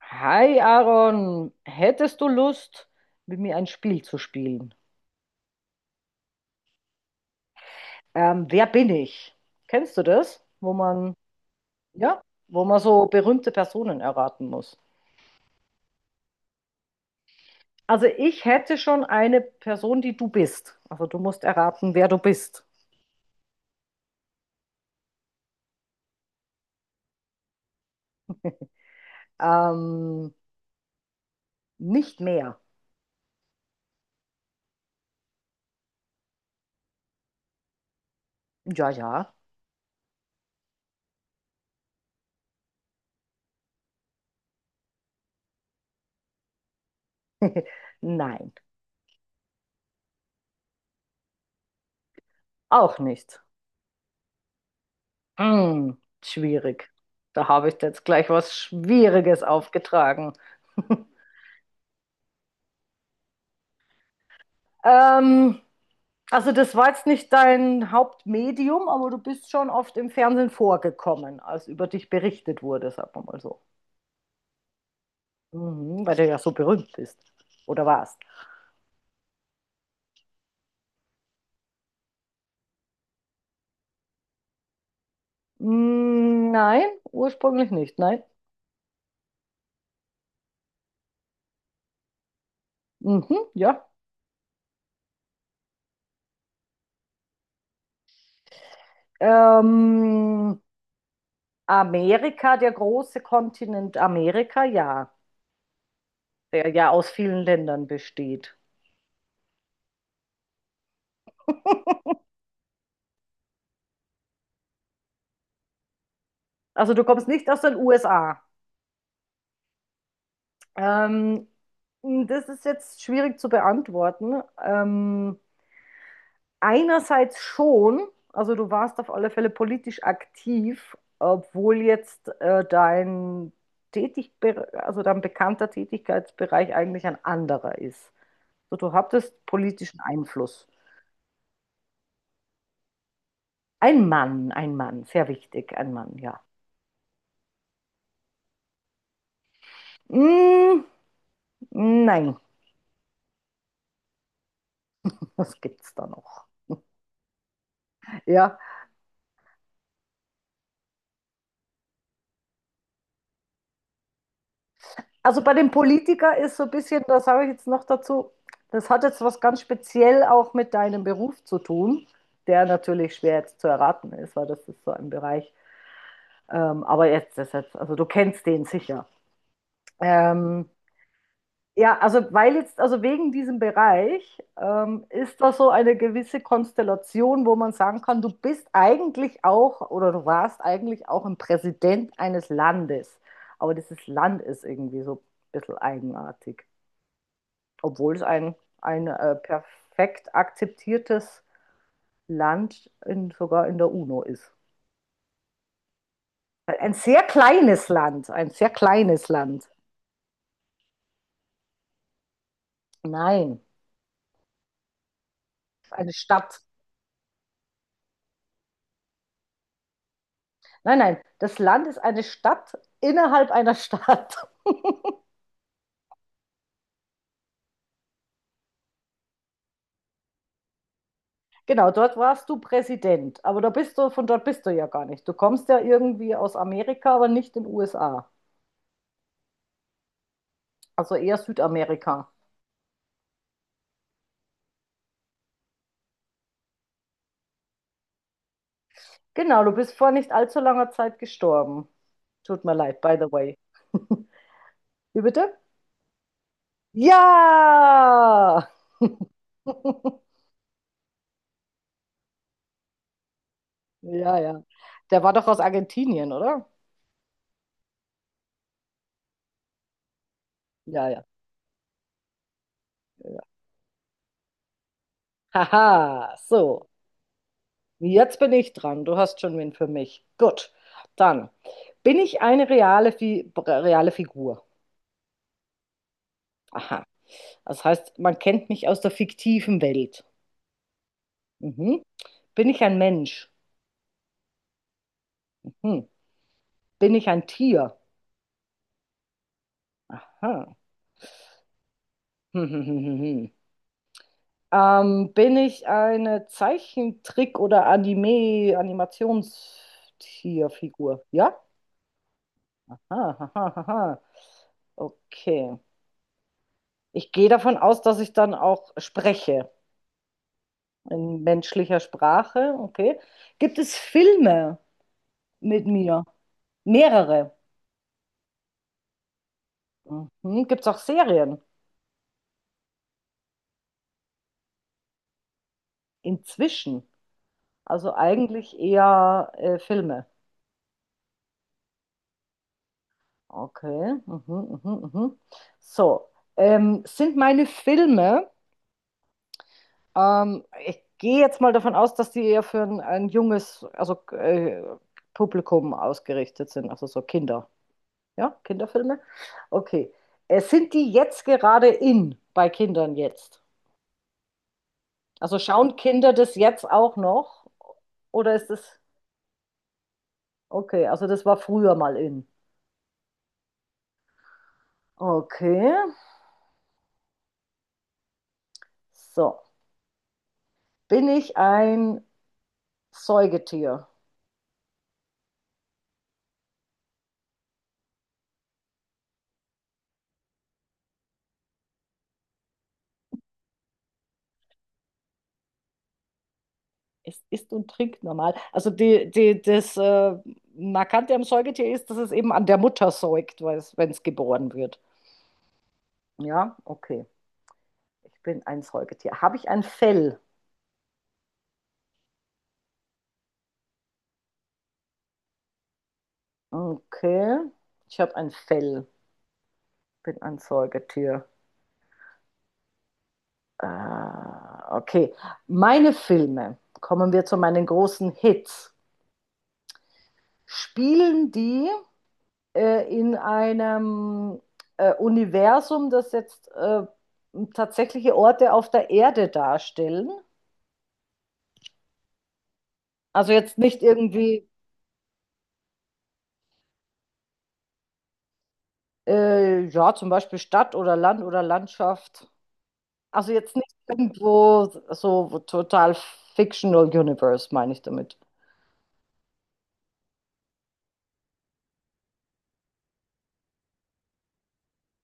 Hi Aaron, hättest du Lust, mit mir ein Spiel zu spielen? Wer bin ich? Kennst du das? Wo man, ja, wo man so berühmte Personen erraten muss. Also ich hätte schon eine Person, die du bist. Also du musst erraten, wer du bist. Ähm, Nicht mehr. Ja, ja. Nein, auch nicht. Hm, Schwierig. Da habe ich jetzt gleich was Schwieriges aufgetragen. Ähm, also das war jetzt nicht dein Hauptmedium, aber du bist schon oft im Fernsehen vorgekommen, als über dich berichtet wurde, sagen wir mal so. Mhm, weil du ja so berühmt bist. Oder warst. Mm, nein, ursprünglich nicht, nein. Mhm, ja. Ähm, Amerika, der große Kontinent Amerika, ja. Der ja aus vielen Ländern besteht. Also du kommst nicht aus den USA. Ähm, Das ist jetzt schwierig zu beantworten. Einerseits schon, also du warst auf alle Fälle politisch aktiv, obwohl jetzt dein Tätig also dein bekannter Tätigkeitsbereich eigentlich ein anderer ist. So, du hattest politischen Einfluss. Ein Mann, sehr wichtig, ein Mann, ja. Mm, nein, was gibt's da noch? Ja, also bei dem Politiker ist so ein bisschen, das sage ich jetzt noch dazu, das hat jetzt was ganz speziell auch mit deinem Beruf zu tun, der natürlich schwer jetzt zu erraten ist, weil das ist so ein Bereich. Aber jetzt, also du kennst den sicher. Ähm, ja, also wegen diesem Bereich ist da so eine gewisse Konstellation, wo man sagen kann, du bist eigentlich auch oder du warst eigentlich auch ein Präsident eines Landes. Aber dieses Land ist irgendwie so ein bisschen eigenartig, obwohl es ein perfekt akzeptiertes Land in, sogar in der UNO ist. Ein sehr kleines Land, ein sehr kleines Land. Nein, eine Stadt. Nein, nein, das Land ist eine Stadt innerhalb einer Stadt. Genau, dort warst du Präsident, aber von dort bist du ja gar nicht. Du kommst ja irgendwie aus Amerika, aber nicht in den USA. Also eher Südamerika. Genau, du bist vor nicht allzu langer Zeit gestorben. Tut mir leid, by the way. Wie bitte? Ja! Ja, ja. Der war doch aus Argentinien, oder? Ja, ja, ja, ja. Haha, so. Jetzt bin ich dran. Du hast schon wen für mich. Gut. Dann bin ich eine reale Figur. Aha. Das heißt, man kennt mich aus der fiktiven Welt. Mhm. Bin ich ein Mensch? Mhm. Bin ich ein Tier? Aha. Bin ich eine Zeichentrick- oder Anime, Animationstierfigur? Ja? Aha, aha, aha. Okay. Ich gehe davon aus, dass ich dann auch spreche in menschlicher Sprache. Okay. Gibt es Filme mit mir? Mehrere. Mhm. Gibt es auch Serien? Inzwischen. Also eigentlich eher Filme. Okay. Mhm, mhm, mhm. So. Sind meine Filme. Ich gehe jetzt mal davon aus, dass die eher für ein junges, also Publikum ausgerichtet sind, also so Kinder. Ja, Kinderfilme? Okay. Sind die jetzt gerade in bei Kindern jetzt? Also schauen Kinder das jetzt auch noch? Oder ist das. Okay, also das war früher mal in. Okay. So. Bin ich ein Säugetier? Es isst und trinkt normal. Also das Markante am Säugetier ist, dass es eben an der Mutter säugt, wenn es geboren wird. Ja, okay. Ich bin ein Säugetier. Habe ich ein Fell? Okay. Ich habe ein Fell. Bin ein Säugetier. Äh, okay. Meine Filme, kommen wir zu meinen großen Hits. Spielen die in einem Universum, das jetzt tatsächliche Orte auf der Erde darstellen. Also jetzt nicht irgendwie, ja, zum Beispiel Stadt oder Land oder Landschaft. Also jetzt nicht irgendwo so total Fictional Universe, meine ich damit.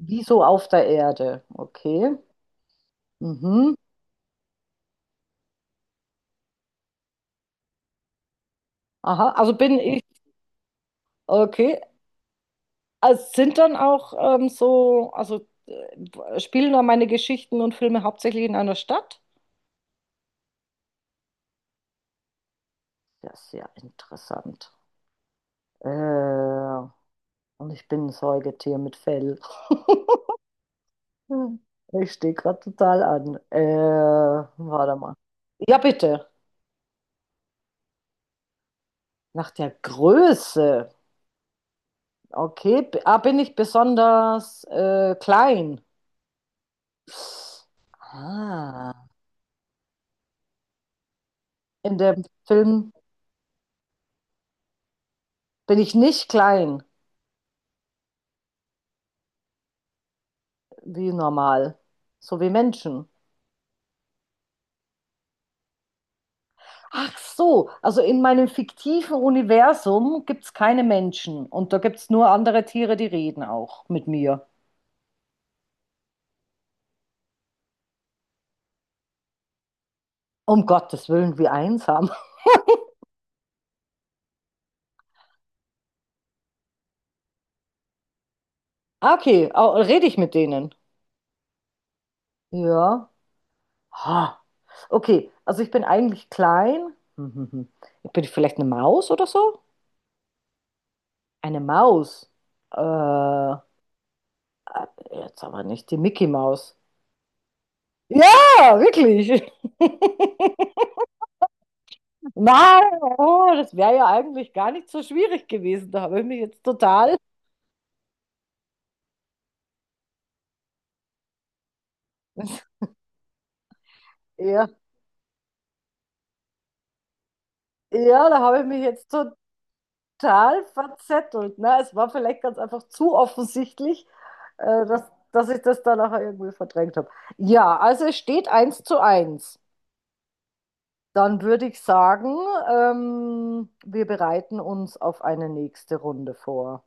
Wieso auf der Erde? Okay. Mhm. Aha, also bin ich, okay. Also sind dann auch so, also spielen da meine Geschichten und Filme hauptsächlich in einer Stadt? Das ist ja, sehr interessant. Äh, und ich bin ein Säugetier mit Fell. Ich stehe gerade total an. Warte mal. Ja, bitte. Nach der Größe. Okay, bin ich besonders klein? Ah, in dem Film bin ich nicht klein, wie normal, so wie Menschen. Ach so, also in meinem fiktiven Universum gibt es keine Menschen und da gibt es nur andere Tiere, die reden auch mit mir. Um Gottes Willen, wie einsam. Ah, okay, rede ich mit denen? Ja. Ha. Okay, also ich bin eigentlich klein. Hm, hm, hm. Ich bin vielleicht eine Maus oder so? Eine Maus. Äh, Jetzt aber nicht die Mickey Maus. Ja, wirklich. Nein, oh, das wäre ja eigentlich gar nicht so schwierig gewesen. Da habe ich mich jetzt total, ja, ja, da habe ich mich jetzt total verzettelt. Ne? Es war vielleicht ganz einfach zu offensichtlich, äh, dass, dass ich das dann nachher irgendwie verdrängt habe. Ja, also es steht eins zu eins. Dann würde ich sagen, wir bereiten uns auf eine nächste Runde vor.